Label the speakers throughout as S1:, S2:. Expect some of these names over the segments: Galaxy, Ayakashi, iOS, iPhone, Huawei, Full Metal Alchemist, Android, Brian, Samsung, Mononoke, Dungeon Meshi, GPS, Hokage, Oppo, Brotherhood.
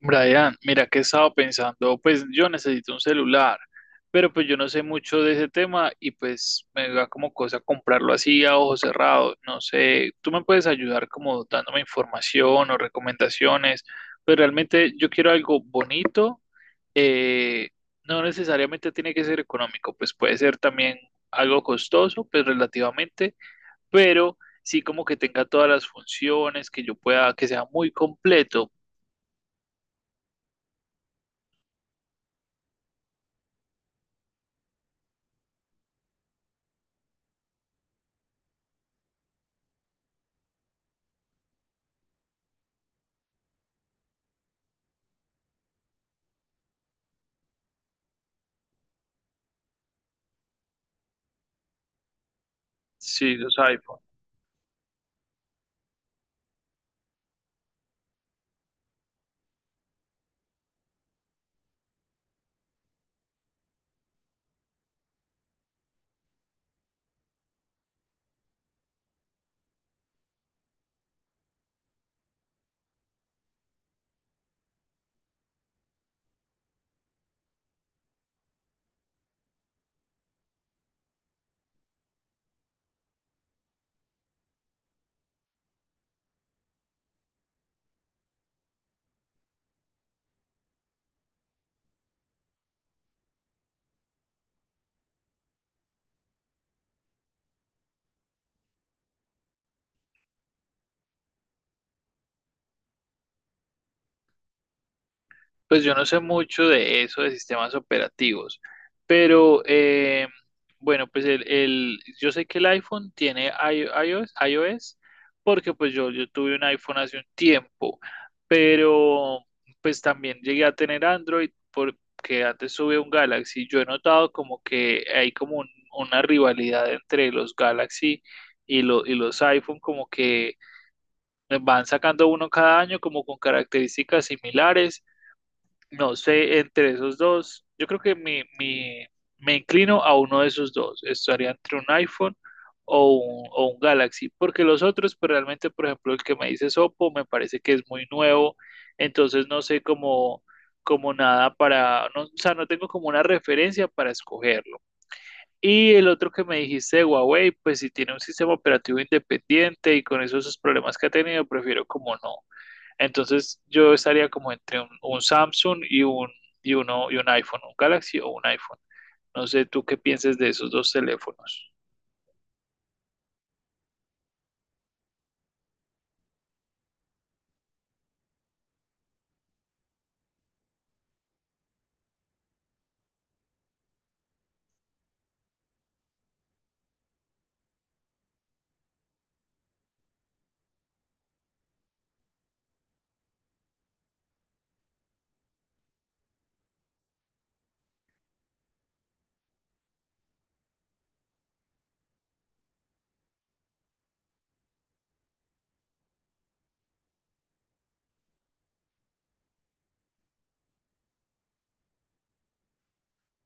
S1: Brian, mira que he estado pensando, pues yo necesito un celular, pero pues yo no sé mucho de ese tema y pues me da como cosa comprarlo así a ojos cerrados, no sé, tú me puedes ayudar como dándome información o recomendaciones, pero realmente yo quiero algo bonito. eh, no necesariamente tiene que ser económico, pues puede ser también algo costoso, pues relativamente, pero sí como que tenga todas las funciones, que yo pueda, que sea muy completo. Sí, los iPhone. Pues yo no sé mucho de eso, de sistemas operativos, pero bueno, pues yo sé que el iPhone tiene iOS, iOS, porque pues yo tuve un iPhone hace un tiempo, pero pues también llegué a tener Android porque antes tuve un Galaxy. Yo he notado como que hay una rivalidad entre los Galaxy y, y los iPhone, como que van sacando uno cada año como con características similares. No sé, entre esos dos, yo creo que me inclino a uno de esos dos. Estaría entre un iPhone o un Galaxy, porque los otros, pues realmente, por ejemplo, el que me dice Oppo me parece que es muy nuevo, entonces no sé cómo, como nada para, no, o sea, no tengo como una referencia para escogerlo. Y el otro que me dijiste de Huawei, pues si tiene un sistema operativo independiente y con esos problemas que ha tenido, prefiero como no. Entonces yo estaría como entre un Samsung y un iPhone, un Galaxy o un iPhone. No sé tú qué pienses de esos dos teléfonos.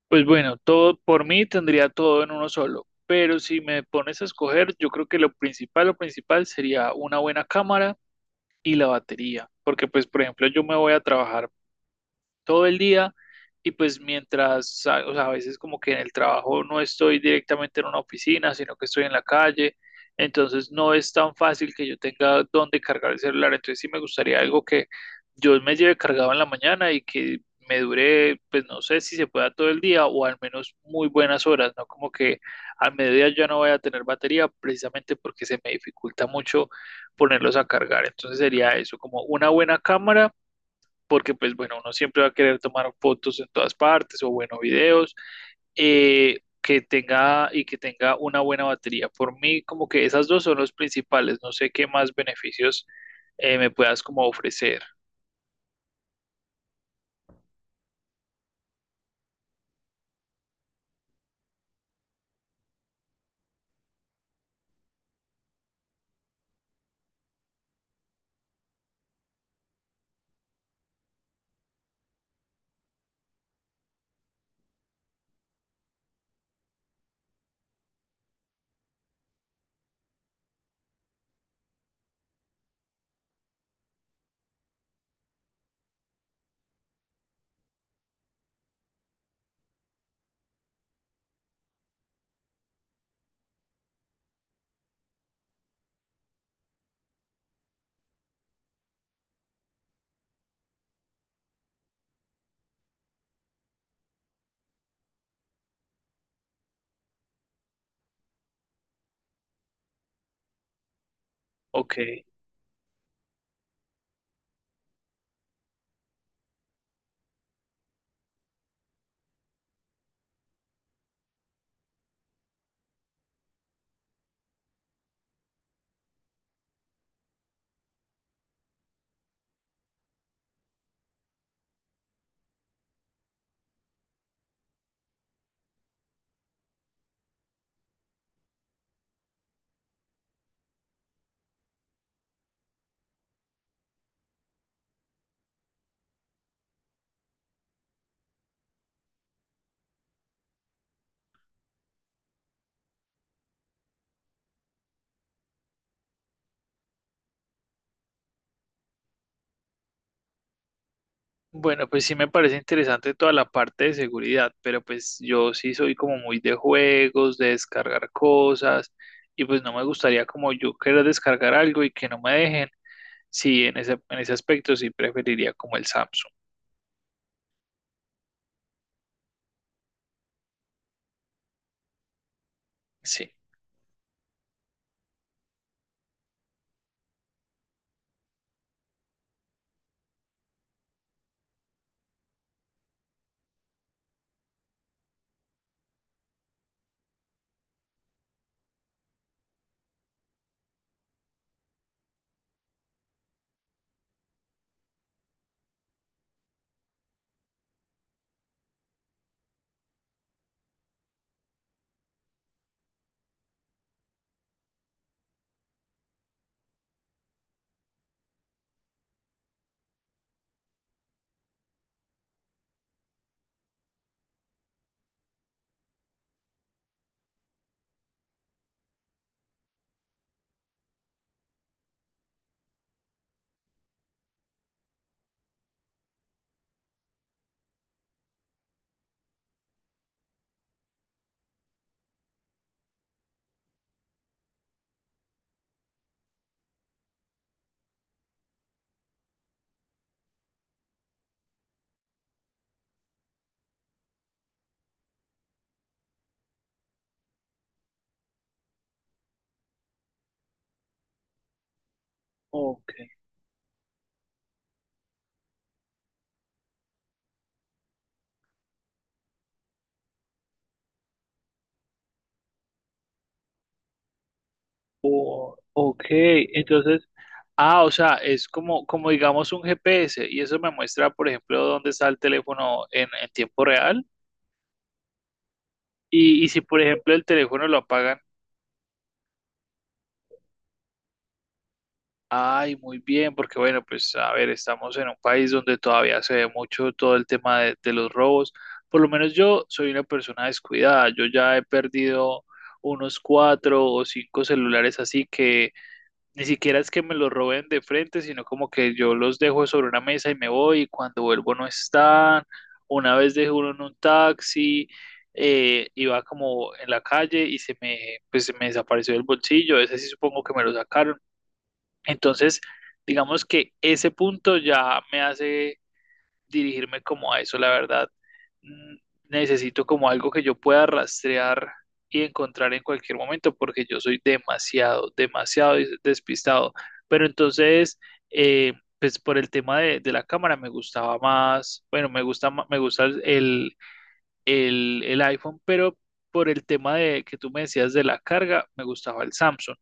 S1: Pues bueno, todo por mí tendría todo en uno solo, pero si me pones a escoger, yo creo que lo principal sería una buena cámara y la batería, porque pues por ejemplo yo me voy a trabajar todo el día y pues mientras, o sea, a veces como que en el trabajo no estoy directamente en una oficina, sino que estoy en la calle, entonces no es tan fácil que yo tenga dónde cargar el celular, entonces sí me gustaría algo que yo me lleve cargado en la mañana y que me dure, pues no sé si se pueda todo el día o al menos muy buenas horas, ¿no? Como que al mediodía ya no voy a tener batería precisamente porque se me dificulta mucho ponerlos a cargar, entonces sería eso, como una buena cámara porque pues bueno, uno siempre va a querer tomar fotos en todas partes o bueno, videos. Que tenga y que tenga una buena batería. Por mí, como que esas dos son los principales, no sé qué más beneficios me puedas como ofrecer. Ok. Bueno, pues sí me parece interesante toda la parte de seguridad, pero pues yo sí soy como muy de juegos, de descargar cosas, y pues no me gustaría como yo querer descargar algo y que no me dejen. Sí, en ese aspecto sí preferiría como el Samsung. Sí. Ok, ok, entonces, ah, o sea, es como, como digamos un GPS y eso me muestra, por ejemplo, dónde está el teléfono en tiempo real. Y, y si, por ejemplo, el teléfono lo apagan, ay, muy bien, porque bueno, pues a ver, estamos en un país donde todavía se ve mucho todo el tema de los robos, por lo menos yo soy una persona descuidada, yo ya he perdido unos 4 o 5 celulares así que ni siquiera es que me los roben de frente, sino como que yo los dejo sobre una mesa y me voy, y cuando vuelvo no están. Una vez dejé uno en un taxi, iba como en la calle y se me, pues, se me desapareció del bolsillo, ese sí supongo que me lo sacaron. Entonces, digamos que ese punto ya me hace dirigirme como a eso, la verdad. Mm, Necesito como algo que yo pueda rastrear y encontrar en cualquier momento, porque yo soy demasiado, demasiado despistado. Pero entonces, eh, pues por el tema de la cámara me gustaba más, bueno, me gusta, me gusta el iPhone, pero por el tema de que tú me decías de la carga, me gustaba el Samsung.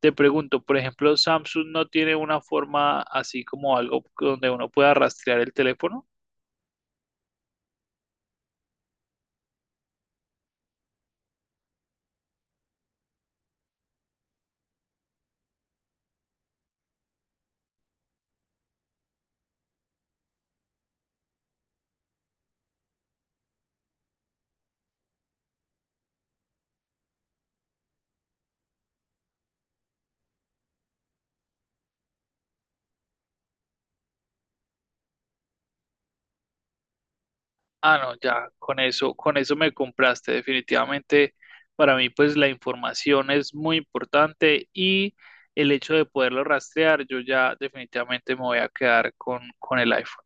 S1: Te pregunto, por ejemplo, ¿Samsung no tiene una forma así como algo donde uno pueda rastrear el teléfono? Ah, no, ya, con eso me compraste. Definitivamente, para mí, pues la información es muy importante y el hecho de poderlo rastrear, yo ya definitivamente me voy a quedar con el iPhone.